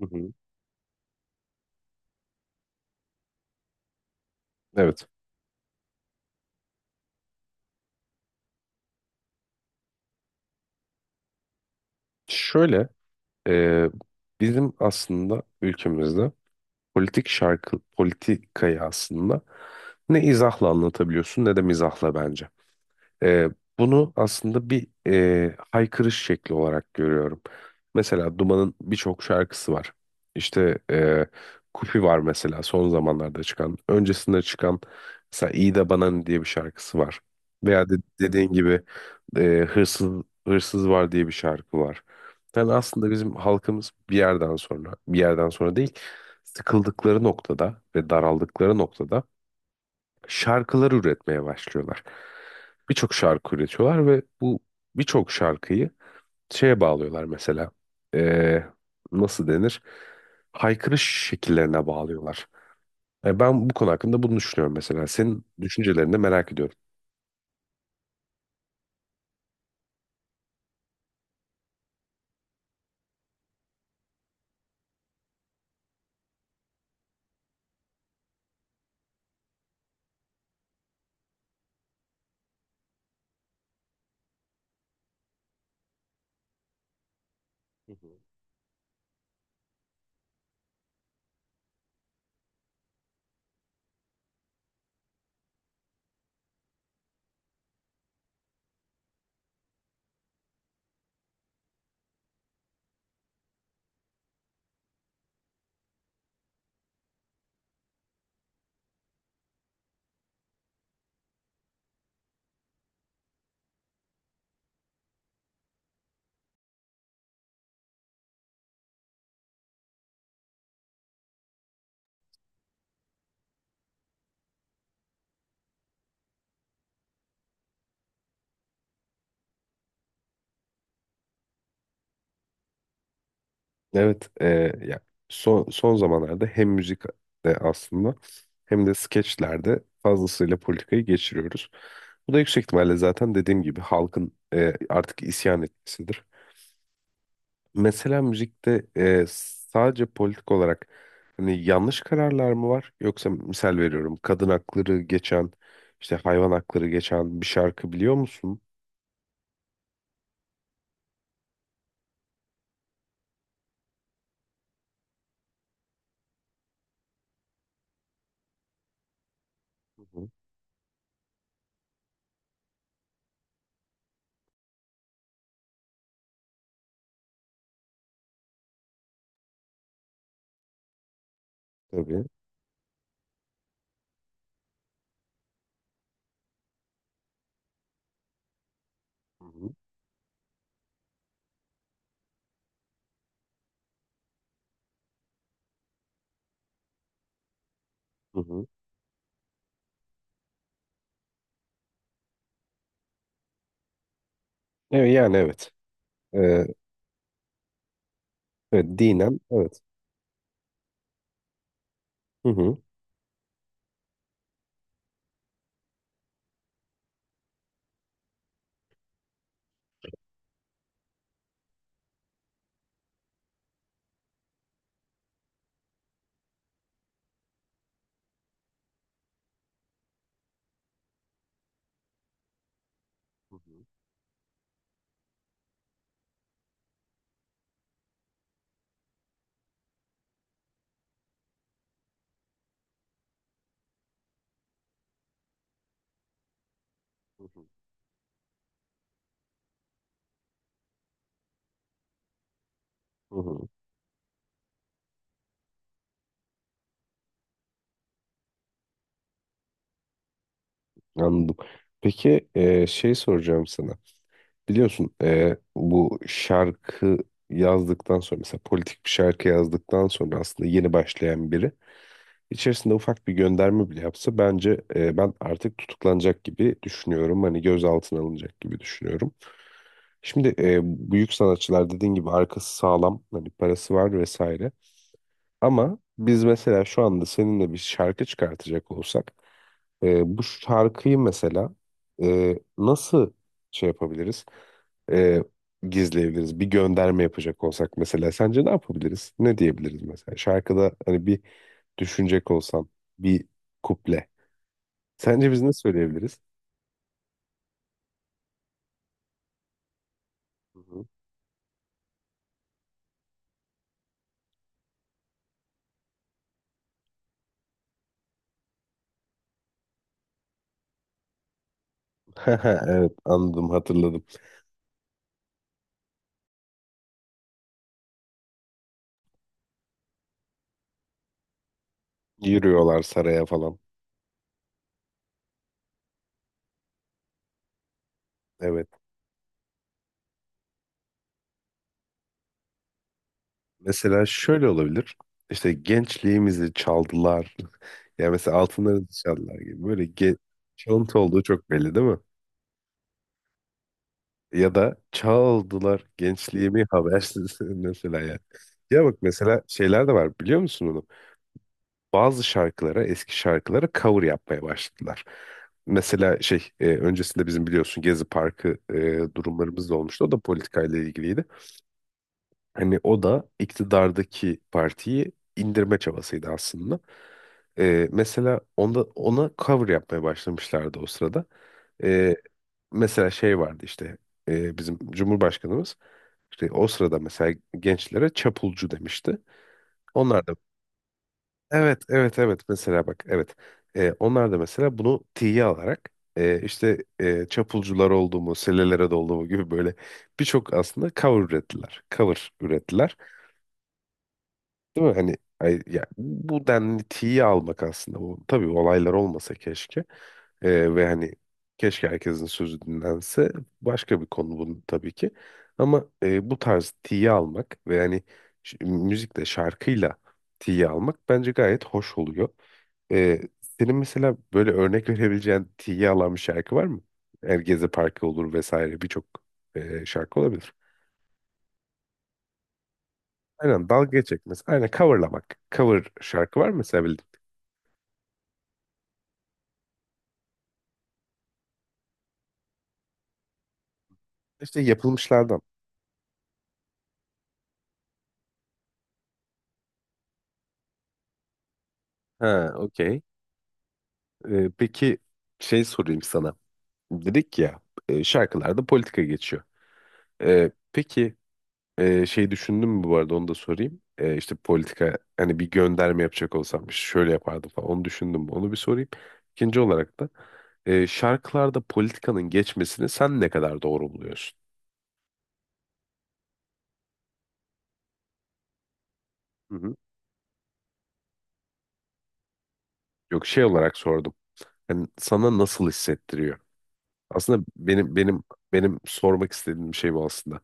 Hı hı. Evet. Şöyle e, bizim aslında ülkemizde politik şarkı politikayı aslında ne izahla anlatabiliyorsun ne de mizahla bence. Ee, Bunu aslında bir haykırış şekli olarak görüyorum. Mesela Duman'ın birçok şarkısı var. İşte Kupi var mesela son zamanlarda çıkan. Öncesinde çıkan mesela İyi de Bana Ne diye bir şarkısı var. Veya de, dediğin gibi Hırsız Hırsız var diye bir şarkı var. Yani aslında bizim halkımız bir yerden sonra değil, sıkıldıkları noktada ve daraldıkları noktada şarkılar üretmeye başlıyorlar. Birçok şarkı üretiyorlar ve bu birçok şarkıyı şeye bağlıyorlar mesela. Ee, Nasıl denir? Haykırış şekillerine bağlıyorlar. Ben bu konu hakkında bunu düşünüyorum mesela. Senin düşüncelerini de merak ediyorum. Hı hı. Evet, ya son zamanlarda hem müzikte aslında hem de skeçlerde fazlasıyla politikayı geçiriyoruz. Bu da yüksek ihtimalle zaten dediğim gibi halkın artık isyan etmesidir. Mesela müzikte sadece politik olarak hani yanlış kararlar mı var? Yoksa misal veriyorum kadın hakları geçen işte hayvan hakları geçen bir şarkı biliyor musun? Hı hı, tabii. Hı hı, hı hı. Evet, yani evet. E, evet dinen evet. Hı hı. Hı hı, hı hı, hı hı. Anladım. Peki şey soracağım sana. Biliyorsun bu şarkı yazdıktan sonra mesela politik bir şarkı yazdıktan sonra aslında yeni başlayan biri içerisinde ufak bir gönderme bile yapsa bence ben artık tutuklanacak gibi düşünüyorum. Hani gözaltına alınacak gibi düşünüyorum. Şimdi büyük sanatçılar dediğin gibi arkası sağlam, hani parası var vesaire. Ama biz mesela şu anda seninle bir şarkı çıkartacak olsak bu şarkıyı mesela nasıl şey yapabiliriz? E, Gizleyebiliriz. Bir gönderme yapacak olsak mesela sence ne yapabiliriz? Ne diyebiliriz mesela? Şarkıda hani bir düşünecek olsam bir kuple. Sence biz ne söyleyebiliriz? Hı hı. Evet anladım hatırladım. Yürüyorlar saraya falan. Evet. Mesela şöyle olabilir. İşte gençliğimizi çaldılar. Yani mesela altınlarımızı çaldılar gibi. Böyle ge çalıntı olduğu çok belli değil mi? Ya da çaldılar gençliğimi habersiz mesela ya. Ya bak mesela şeyler de var biliyor musun onu? Bazı şarkılara, eski şarkılara cover yapmaya başladılar. Mesela şey öncesinde bizim biliyorsun Gezi Parkı durumlarımız da olmuştu. O da politikayla ilgiliydi. Hani o da iktidardaki partiyi indirme çabasıydı aslında. Mesela ona cover yapmaya başlamışlardı o sırada. Ee, Mesela şey vardı işte bizim Cumhurbaşkanımız işte o sırada mesela gençlere çapulcu demişti. Onlar da evet, evet, evet, mesela bak evet. Onlar da mesela bunu tiye alarak çapulcular olduğumu, selelere dolduğumu gibi böyle birçok aslında cover ürettiler. Değil mi? Hani ay- ya, bu denli tiye almak aslında. Bu, tabii olaylar olmasa keşke. Ve hani keşke herkesin sözü dinlense. Başka bir konu bunun tabii ki. Ama bu tarz tiye almak ve hani ş- müzikle, şarkıyla tiye almak bence gayet hoş oluyor. Ee, Senin mesela böyle örnek verebileceğin tiye alan bir şarkı var mı? Yani Gezi Parkı olur vesaire birçok şarkı olabilir. Aynen dalga geçmek mesela. Aynen coverlamak. Cover şarkı var mı mesela? İşte yapılmışlardan. Ha, okey. Peki şey sorayım sana. Dedik ya şarkılarda politika geçiyor. Peki şey düşündün mü bu arada, onu da sorayım. İşte politika, hani bir gönderme yapacak olsam işte şöyle yapardım falan, onu düşündün mü? Onu bir sorayım. İkinci olarak da şarkılarda politikanın geçmesini sen ne kadar doğru buluyorsun? Hı hı. Yok şey olarak sordum. Hani sana nasıl hissettiriyor? Aslında benim sormak istediğim şey bu aslında.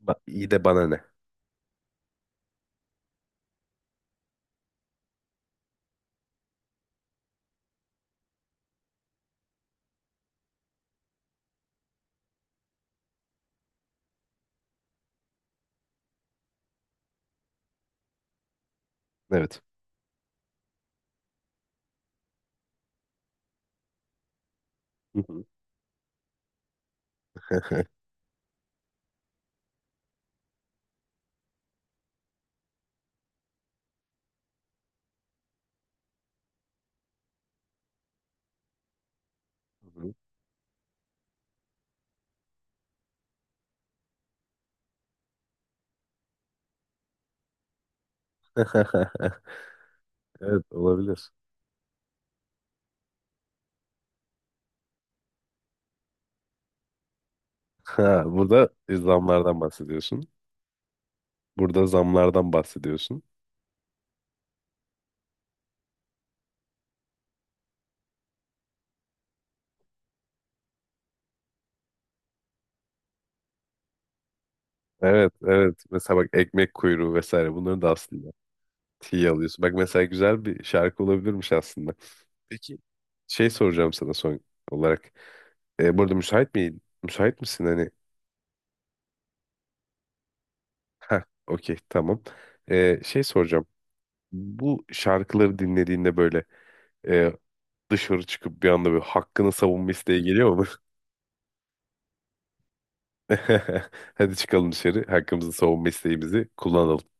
Ba- İyi de bana ne? Evet. Hı hı. Evet olabilir. Ha, burada zamlardan bahsediyorsun. Burada zamlardan bahsediyorsun. Evet, evet. Mesela bak ekmek kuyruğu vesaire bunları da aslında tiye alıyorsun. Bak mesela güzel bir şarkı olabilirmiş aslında. Peki şey soracağım sana son olarak. Burada müsait mi? Müsait misin hani? Ha, okey tamam. Şey soracağım. Bu şarkıları dinlediğinde böyle e, dışarı çıkıp bir anda böyle hakkını savunma isteği geliyor. Hadi çıkalım dışarı. Hakkımızı savunma isteğimizi kullanalım.